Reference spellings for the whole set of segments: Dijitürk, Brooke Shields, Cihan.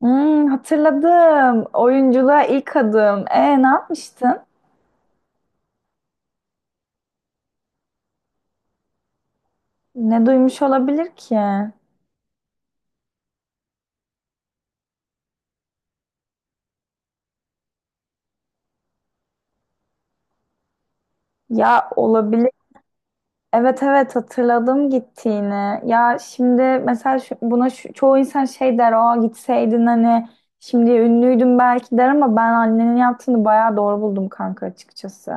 Hmm, hatırladım. Oyunculuğa ilk adım. Ne yapmıştın? Ne duymuş olabilir ki? Ya olabilir. Evet, evet, hatırladım gittiğini. Ya şimdi mesela çoğu insan şey der. Aa gitseydin hani şimdi ünlüydün belki der ama ben annenin yaptığını bayağı doğru buldum kanka açıkçası.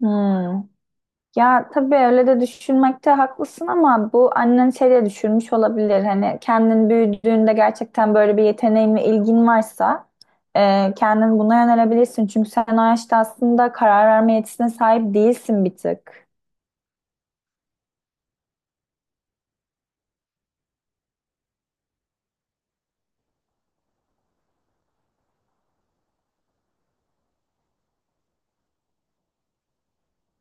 Hmm. Ya tabii öyle de düşünmekte haklısın ama bu annen şey diye düşünmüş olabilir. Hani kendin büyüdüğünde gerçekten böyle bir yeteneğin ve ilgin varsa kendin buna yönelebilirsin. Çünkü sen o yaşta aslında karar verme yetisine sahip değilsin bir tık.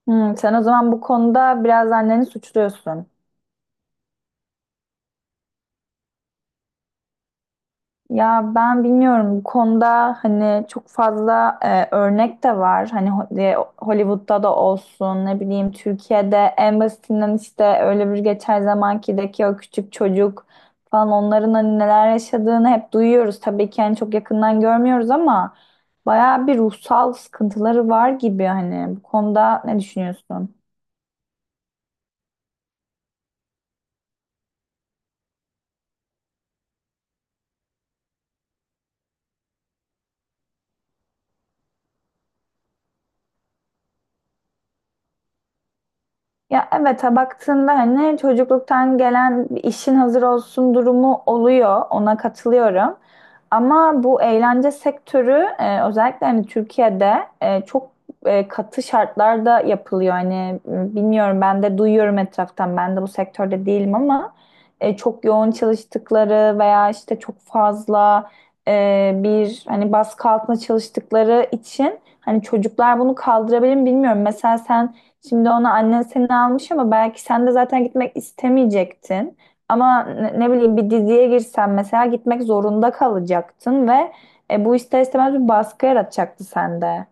Hmm, sen o zaman bu konuda biraz anneni suçluyorsun. Ya ben bilmiyorum bu konuda hani çok fazla örnek de var. Hani Hollywood'da da olsun ne bileyim Türkiye'de en basitinden işte öyle bir geçen zamankideki o küçük çocuk falan onların hani neler yaşadığını hep duyuyoruz. Tabii ki hani çok yakından görmüyoruz ama bayağı bir ruhsal sıkıntıları var gibi hani bu konuda ne düşünüyorsun? Ya evet ha, baktığında hani çocukluktan gelen bir işin hazır olsun durumu oluyor. Ona katılıyorum. Ama bu eğlence sektörü özellikle hani Türkiye'de çok katı şartlarda yapılıyor. Hani bilmiyorum, ben de duyuyorum etraftan. Ben de bu sektörde değilim ama çok yoğun çalıştıkları veya işte çok fazla bir hani baskı altında çalıştıkları için hani çocuklar bunu kaldırabilir mi bilmiyorum. Mesela sen, şimdi onu annen seni almış ama belki sen de zaten gitmek istemeyecektin. Ama ne bileyim bir diziye girsen mesela gitmek zorunda kalacaktın ve bu ister istemez bir baskı yaratacaktı sende.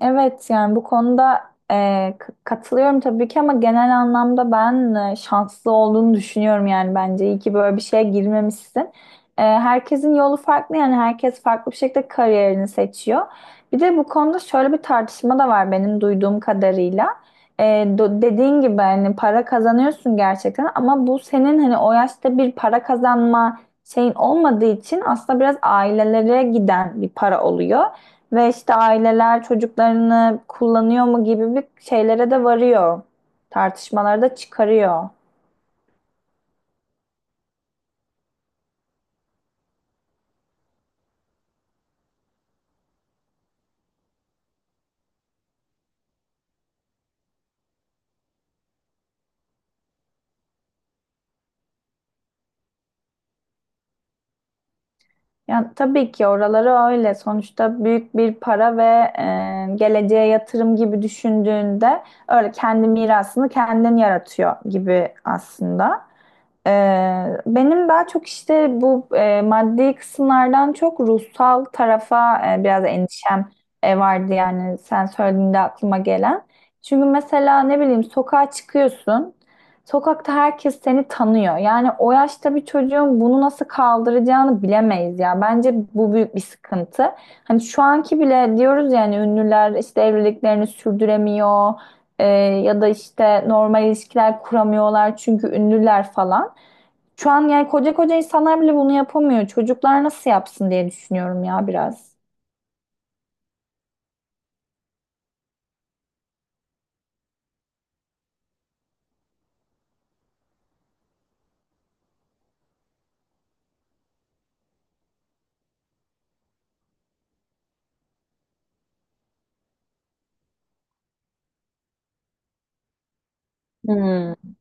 Evet yani bu konuda katılıyorum tabii ki ama genel anlamda ben şanslı olduğunu düşünüyorum, yani bence iyi ki böyle bir şeye girmemişsin. Herkesin yolu farklı, yani herkes farklı bir şekilde kariyerini seçiyor. Bir de bu konuda şöyle bir tartışma da var benim duyduğum kadarıyla. Dediğin gibi hani para kazanıyorsun gerçekten ama bu senin hani o yaşta bir para kazanma şeyin olmadığı için aslında biraz ailelere giden bir para oluyor. Ve işte aileler çocuklarını kullanıyor mu gibi bir şeylere de varıyor. Tartışmalara da çıkarıyor. Yani tabii ki oraları öyle. Sonuçta büyük bir para ve geleceğe yatırım gibi düşündüğünde öyle kendi mirasını kendin yaratıyor gibi aslında. Benim daha çok işte bu maddi kısımlardan çok ruhsal tarafa biraz endişem vardı, yani sen söylediğinde aklıma gelen. Çünkü mesela ne bileyim sokağa çıkıyorsun. Sokakta herkes seni tanıyor. Yani o yaşta bir çocuğun bunu nasıl kaldıracağını bilemeyiz ya. Bence bu büyük bir sıkıntı. Hani şu anki bile diyoruz, yani ünlüler işte evliliklerini sürdüremiyor. e, Ya da işte normal ilişkiler kuramıyorlar çünkü ünlüler falan. Şu an yani koca koca insanlar bile bunu yapamıyor. Çocuklar nasıl yapsın diye düşünüyorum ya biraz. Hmm.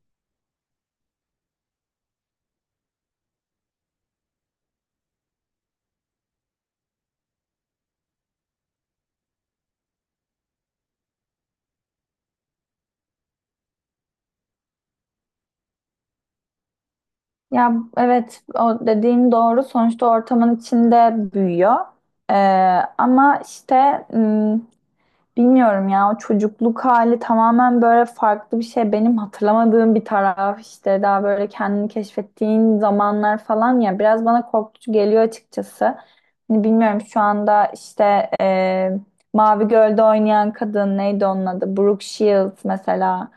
Ya evet, o dediğin doğru. Sonuçta ortamın içinde büyüyor. Ee, Ama işte, hmm, bilmiyorum ya, o çocukluk hali tamamen böyle farklı bir şey. Benim hatırlamadığım bir taraf işte, daha böyle kendini keşfettiğin zamanlar falan ya, biraz bana korkutucu geliyor açıkçası. Hani bilmiyorum şu anda işte Mavi Göl'de oynayan kadın neydi onun adı? Brooke Shields mesela.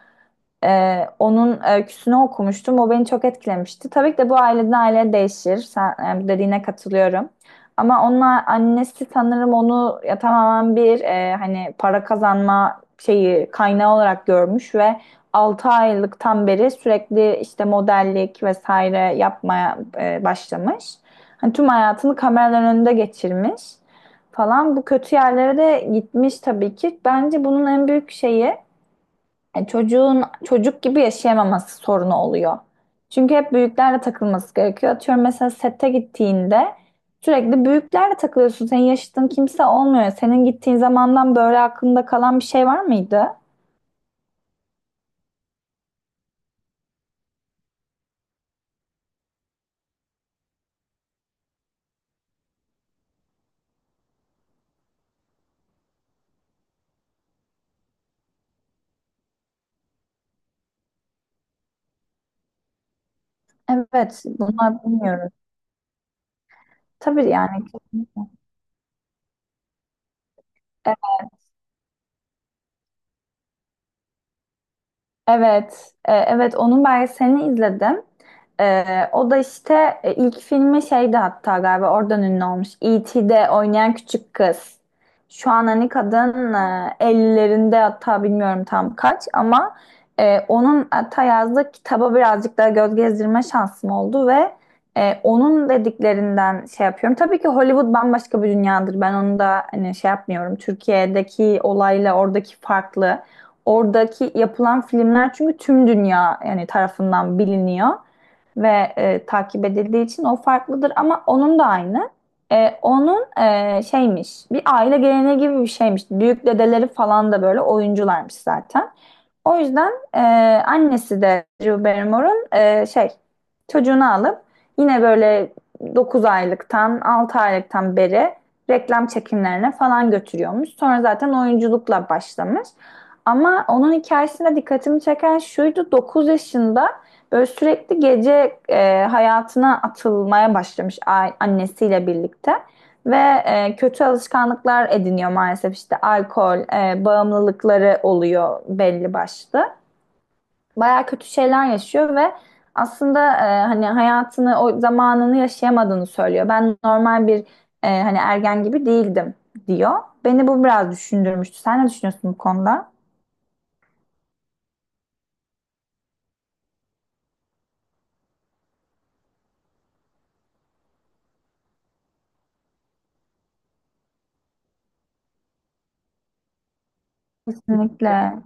Onun öyküsünü okumuştum. O beni çok etkilemişti. Tabii ki de bu aileden aileye değişir. Sen yani bu dediğine katılıyorum. Ama onun annesi sanırım onu ya tamamen bir hani para kazanma şeyi kaynağı olarak görmüş ve 6 aylıktan beri sürekli işte modellik vesaire yapmaya başlamış. Hani tüm hayatını kameraların önünde geçirmiş falan. Bu kötü yerlere de gitmiş tabii ki. Bence bunun en büyük şeyi yani çocuğun çocuk gibi yaşayamaması sorunu oluyor. Çünkü hep büyüklerle takılması gerekiyor. Atıyorum mesela sette gittiğinde sürekli büyüklerle takılıyorsun. Senin yaşıtın kimse olmuyor. Senin gittiğin zamandan böyle aklında kalan bir şey var mıydı? Evet, bunlar bilmiyoruz. Tabii yani. Evet, evet, onun belgeselini izledim. E, O da işte ilk filmi şeydi hatta, galiba oradan ünlü olmuş. E.T.'de oynayan küçük kız. Şu an hani kadın 50'lerinde hatta, bilmiyorum tam kaç ama onun hatta yazdığı kitaba birazcık daha göz gezdirme şansım oldu ve onun dediklerinden şey yapıyorum. Tabii ki Hollywood bambaşka bir dünyadır. Ben onu da hani şey yapmıyorum. Türkiye'deki olayla oradaki farklı. Oradaki yapılan filmler çünkü tüm dünya yani tarafından biliniyor ve takip edildiği için o farklıdır ama onun da aynı. Onun şeymiş, bir aile geleneği gibi bir şeymiş. Büyük dedeleri falan da böyle oyuncularmış zaten. O yüzden annesi de Drew Barrymore'un şey çocuğunu alıp yine böyle 9 aylıktan 6 aylıktan beri reklam çekimlerine falan götürüyormuş. Sonra zaten oyunculukla başlamış. Ama onun hikayesinde dikkatimi çeken şuydu, 9 yaşında böyle sürekli gece hayatına atılmaya başlamış annesiyle birlikte. Ve kötü alışkanlıklar ediniyor maalesef, işte alkol, bağımlılıkları oluyor belli başlı. Bayağı kötü şeyler yaşıyor ve aslında hani hayatını, o zamanını yaşayamadığını söylüyor. Ben normal bir hani ergen gibi değildim diyor. Beni bu biraz düşündürmüştü. Sen ne düşünüyorsun bu konuda? Kesinlikle.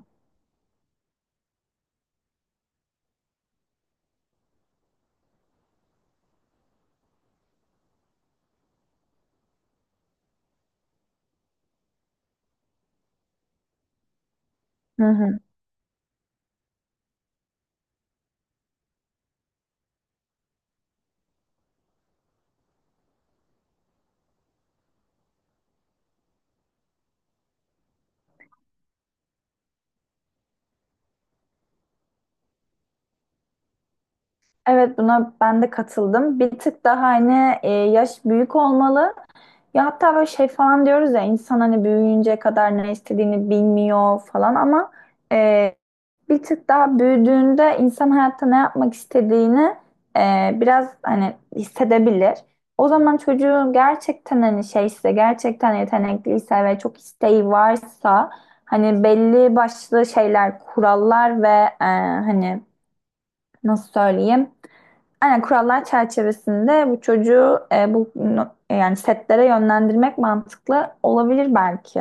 Hı hı. Evet, buna ben de katıldım. Bir tık daha hani yaş büyük olmalı. Ya hatta böyle şey falan diyoruz ya, insan hani büyüyünceye kadar ne istediğini bilmiyor falan ama e, bir tık daha büyüdüğünde insan hayatta ne yapmak istediğini biraz hani hissedebilir. O zaman çocuğun gerçekten hani şeyse, gerçekten yetenekliyse ve çok isteği varsa hani belli başlı şeyler, kurallar ve hani nasıl söyleyeyim? Aynen kurallar çerçevesinde bu çocuğu e, bu no- yani setlere yönlendirmek mantıklı olabilir belki.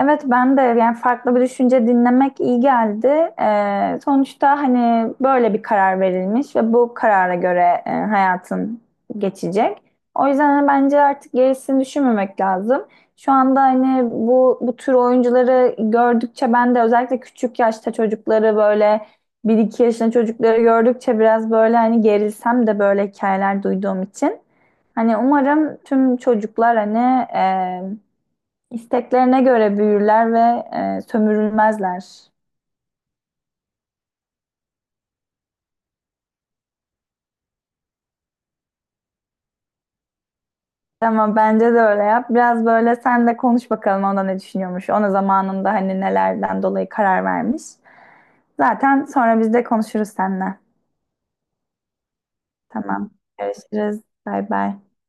Evet ben de yani farklı bir düşünce dinlemek iyi geldi. Sonuçta hani böyle bir karar verilmiş ve bu karara göre hayatın geçecek. O yüzden hani bence artık gerisini düşünmemek lazım. Şu anda hani bu tür oyuncuları gördükçe ben de, özellikle küçük yaşta çocukları, böyle bir iki yaşında çocukları gördükçe biraz böyle hani gerilsem de, böyle hikayeler duyduğum için. Hani umarım tüm çocuklar hani e, İsteklerine göre büyürler ve sömürülmezler. Ama bence de öyle yap. Biraz böyle sen de konuş bakalım, ona ne düşünüyormuş. Ona zamanında hani nelerden dolayı karar vermiş. Zaten sonra biz de konuşuruz seninle. Tamam. Görüşürüz. Bay bay.